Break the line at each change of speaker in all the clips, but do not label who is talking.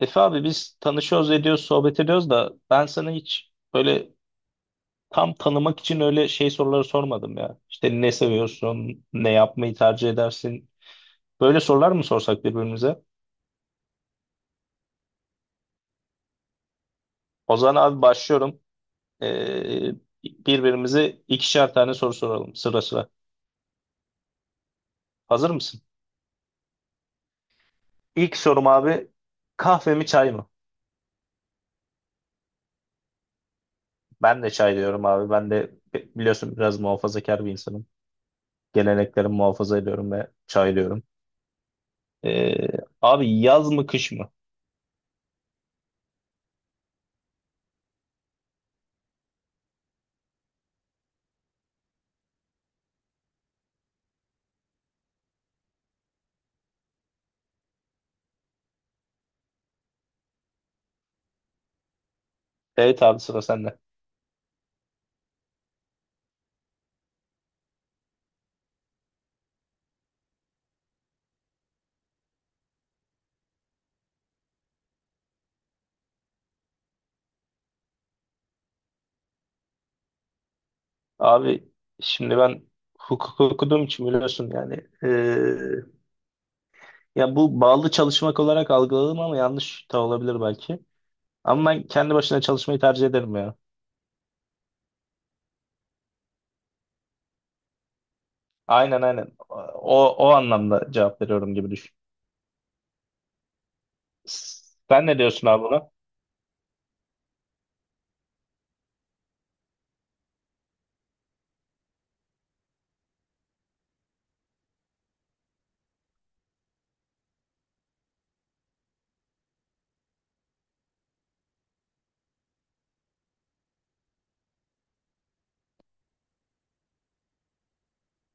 Efe abi biz tanışıyoruz, ediyoruz, sohbet ediyoruz da ben sana hiç böyle tam tanımak için öyle şey soruları sormadım ya. İşte ne seviyorsun, ne yapmayı tercih edersin? Böyle sorular mı sorsak birbirimize? O zaman abi başlıyorum. Ee, Birbirimize ikişer tane soru soralım sıra sıra. Hazır mısın? İlk sorum abi, kahve mi çay mı? Ben de çay diyorum abi. Ben de biliyorsun biraz muhafazakar bir insanım. Geleneklerimi muhafaza ediyorum ve çay diyorum. Ee, Abi, yaz mı kış mı? Evet abi, sıra sende. Abi şimdi ben hukuk okuduğum için biliyorsun yani. eee, Ya bu bağlı çalışmak olarak algıladım ama yanlış da olabilir belki. Ama ben kendi başına çalışmayı tercih ederim ya. Aynen aynen. O, o anlamda cevap veriyorum gibi düşün. Sen ne diyorsun abi buna?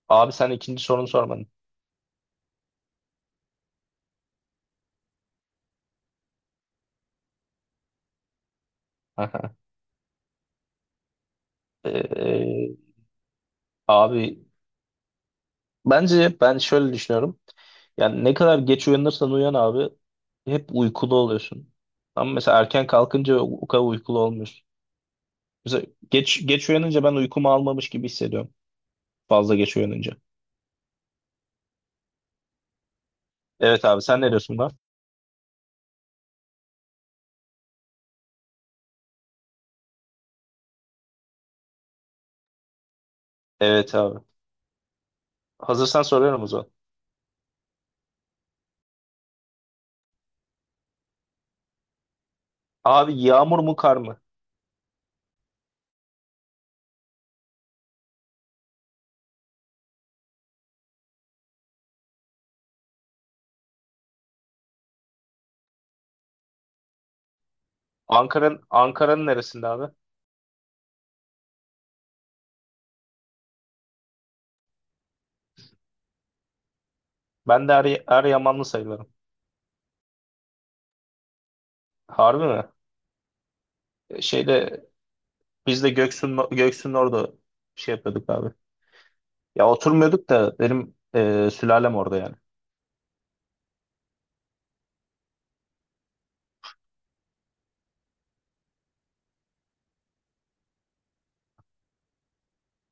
Abi sen ikinci sorunu sormadın. Aha, abi. Bence ben şöyle düşünüyorum. Yani ne kadar geç uyanırsan uyan abi, hep uykulu oluyorsun. Ama mesela erken kalkınca o kadar uykulu olmuyorsun. Mesela geç uyanınca ben uykumu almamış gibi hissediyorum. Fazla geç uyanınca. Evet abi, sen ne diyorsun buna? Evet abi. Hazırsan soruyorum o zaman. Abi, yağmur mu kar mı? Ankara'nın neresinde abi? Ben de Er, Eryamanlı sayılırım. Harbi mi? Şeyde biz de Göksu'nun orada şey yapıyorduk abi. Ya oturmuyorduk da benim e, sülalem orada yani.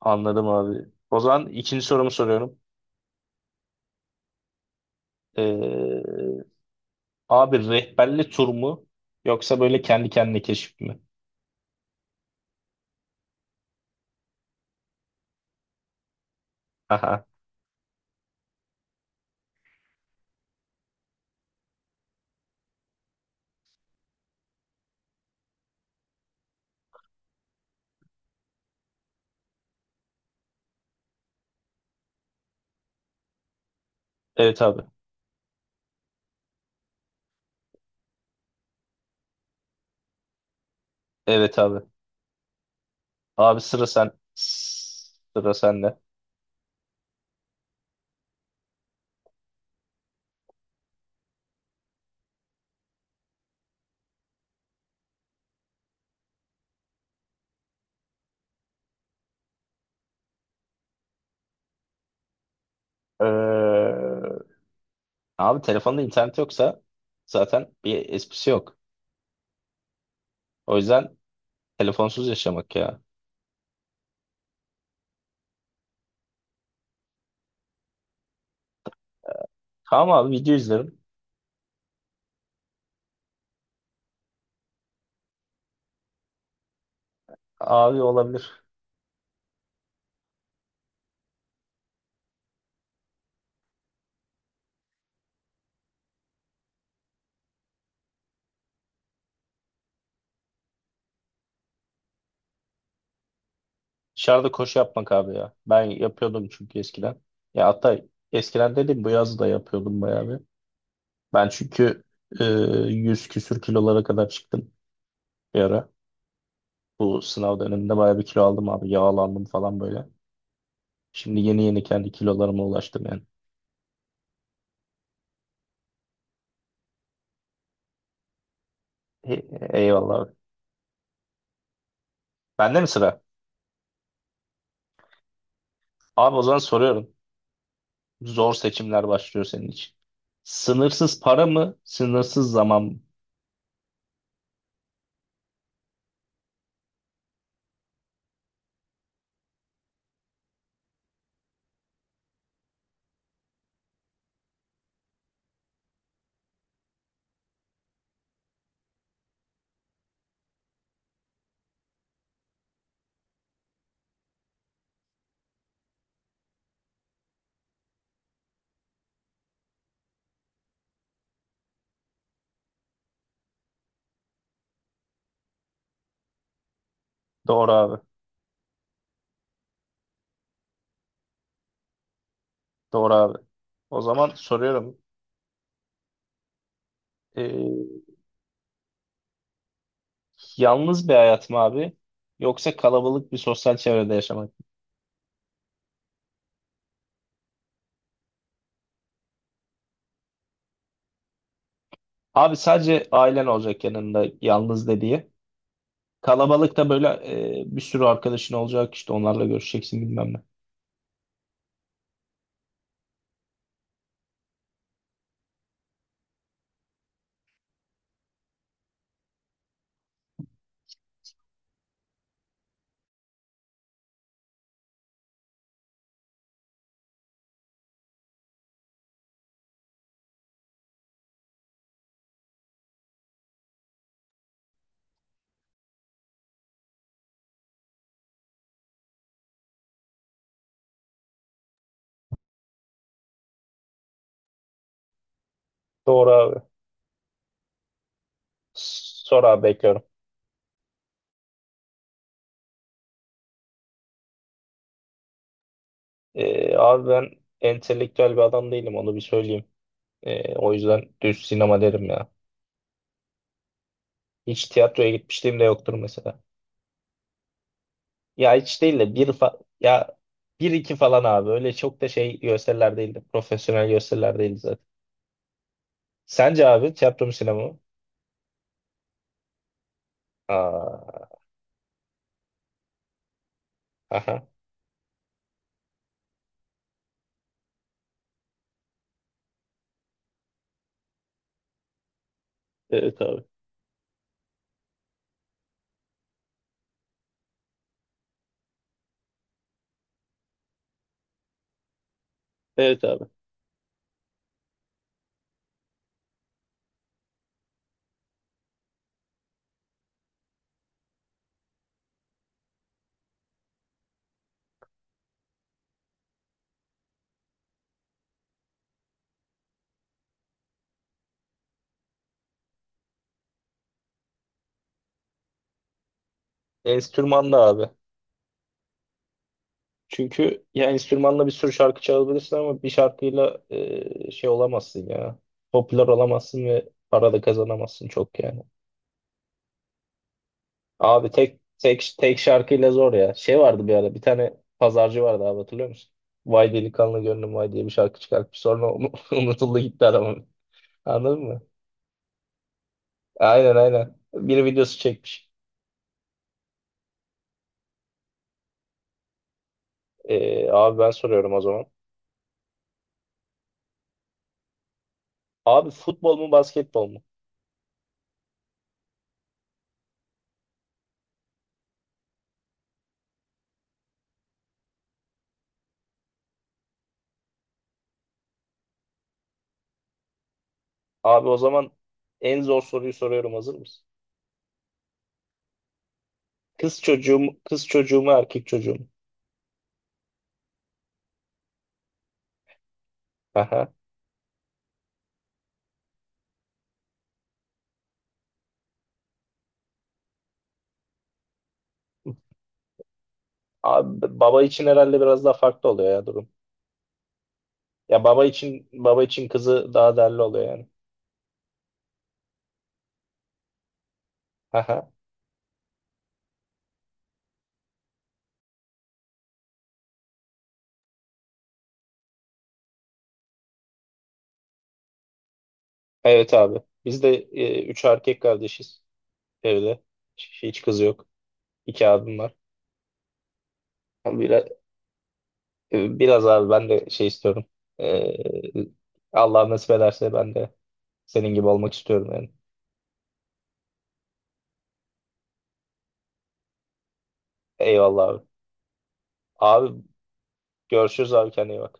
Anladım abi. O zaman ikinci sorumu soruyorum. E, abi, rehberli tur mu yoksa böyle kendi kendine keşif mi? Aha. Evet abi. Evet abi. Abi sıra sen, sıra sende. Ee, Abi, telefonda internet yoksa zaten bir esprisi yok. O yüzden telefonsuz yaşamak ya. Tamam abi, video izlerim. Abi olabilir. Dışarıda koşu yapmak abi ya. Ben yapıyordum çünkü eskiden. Ya hatta eskiden dedim, bu yaz da yapıyordum bayağı bir. Ben çünkü e, 100 küsür kilolara kadar çıktım bir ara. Bu sınav döneminde bayağı bir kilo aldım abi. Yağlandım falan böyle. Şimdi yeni yeni kendi kilolarıma ulaştım yani. E- eyvallah abi. Bende mi sıra? Abi o zaman soruyorum. Zor seçimler başlıyor senin için. Sınırsız para mı? Sınırsız zaman mı? Doğru abi. Doğru abi. O zaman soruyorum. E, yalnız bir hayat mı abi? Yoksa kalabalık bir sosyal çevrede yaşamak mı? Abi sadece ailen olacak yanında, yalnız dediği. Kalabalıkta böyle e, bir sürü arkadaşın olacak, işte onlarla görüşeceksin bilmem ne. Doğru abi. Sor abi, bekliyorum. E, abi ben entelektüel bir adam değilim, onu bir söyleyeyim. E, o yüzden düz sinema derim ya. Hiç tiyatroya gitmişliğim de yoktur mesela. Ya hiç değil de ya bir iki falan abi. Öyle çok da şey gösteriler değildi. Profesyonel gösteriler değildi zaten. Sence abi, tiyatro mu sinema mı? Aa, aha. Evet abi. Evet abi. Enstrümanlı abi. Çünkü ya enstrümanla bir sürü şarkı çalabilirsin ama bir şarkıyla e, şey olamazsın ya. Popüler olamazsın ve para da kazanamazsın çok yani. Abi tek şarkıyla zor ya. Şey vardı bir ara, bir tane pazarcı vardı abi, hatırlıyor musun? Vay delikanlı gönlüm vay diye bir şarkı çıkartmış. Sonra onu- unutuldu gitti adamın. Anladın mı? Aynen aynen. Bir videosu çekmiş. E, abi ben soruyorum o zaman. Abi, futbol mu basketbol mu? Abi o zaman en zor soruyu soruyorum, hazır mısın? Kız çocuğu mu erkek çocuğu mu? Aha. Abi baba için herhalde biraz daha farklı oluyor ya durum. Ya baba için kızı daha değerli oluyor yani. Aha. Evet abi. Biz de e, üç erkek kardeşiz evde. Hiç kız yok. İki abim var. Biraz, biraz abi ben de şey istiyorum. E, Allah nasip ederse ben de senin gibi olmak istiyorum yani. Eyvallah abi. Abi, görüşürüz abi, kendine iyi bak.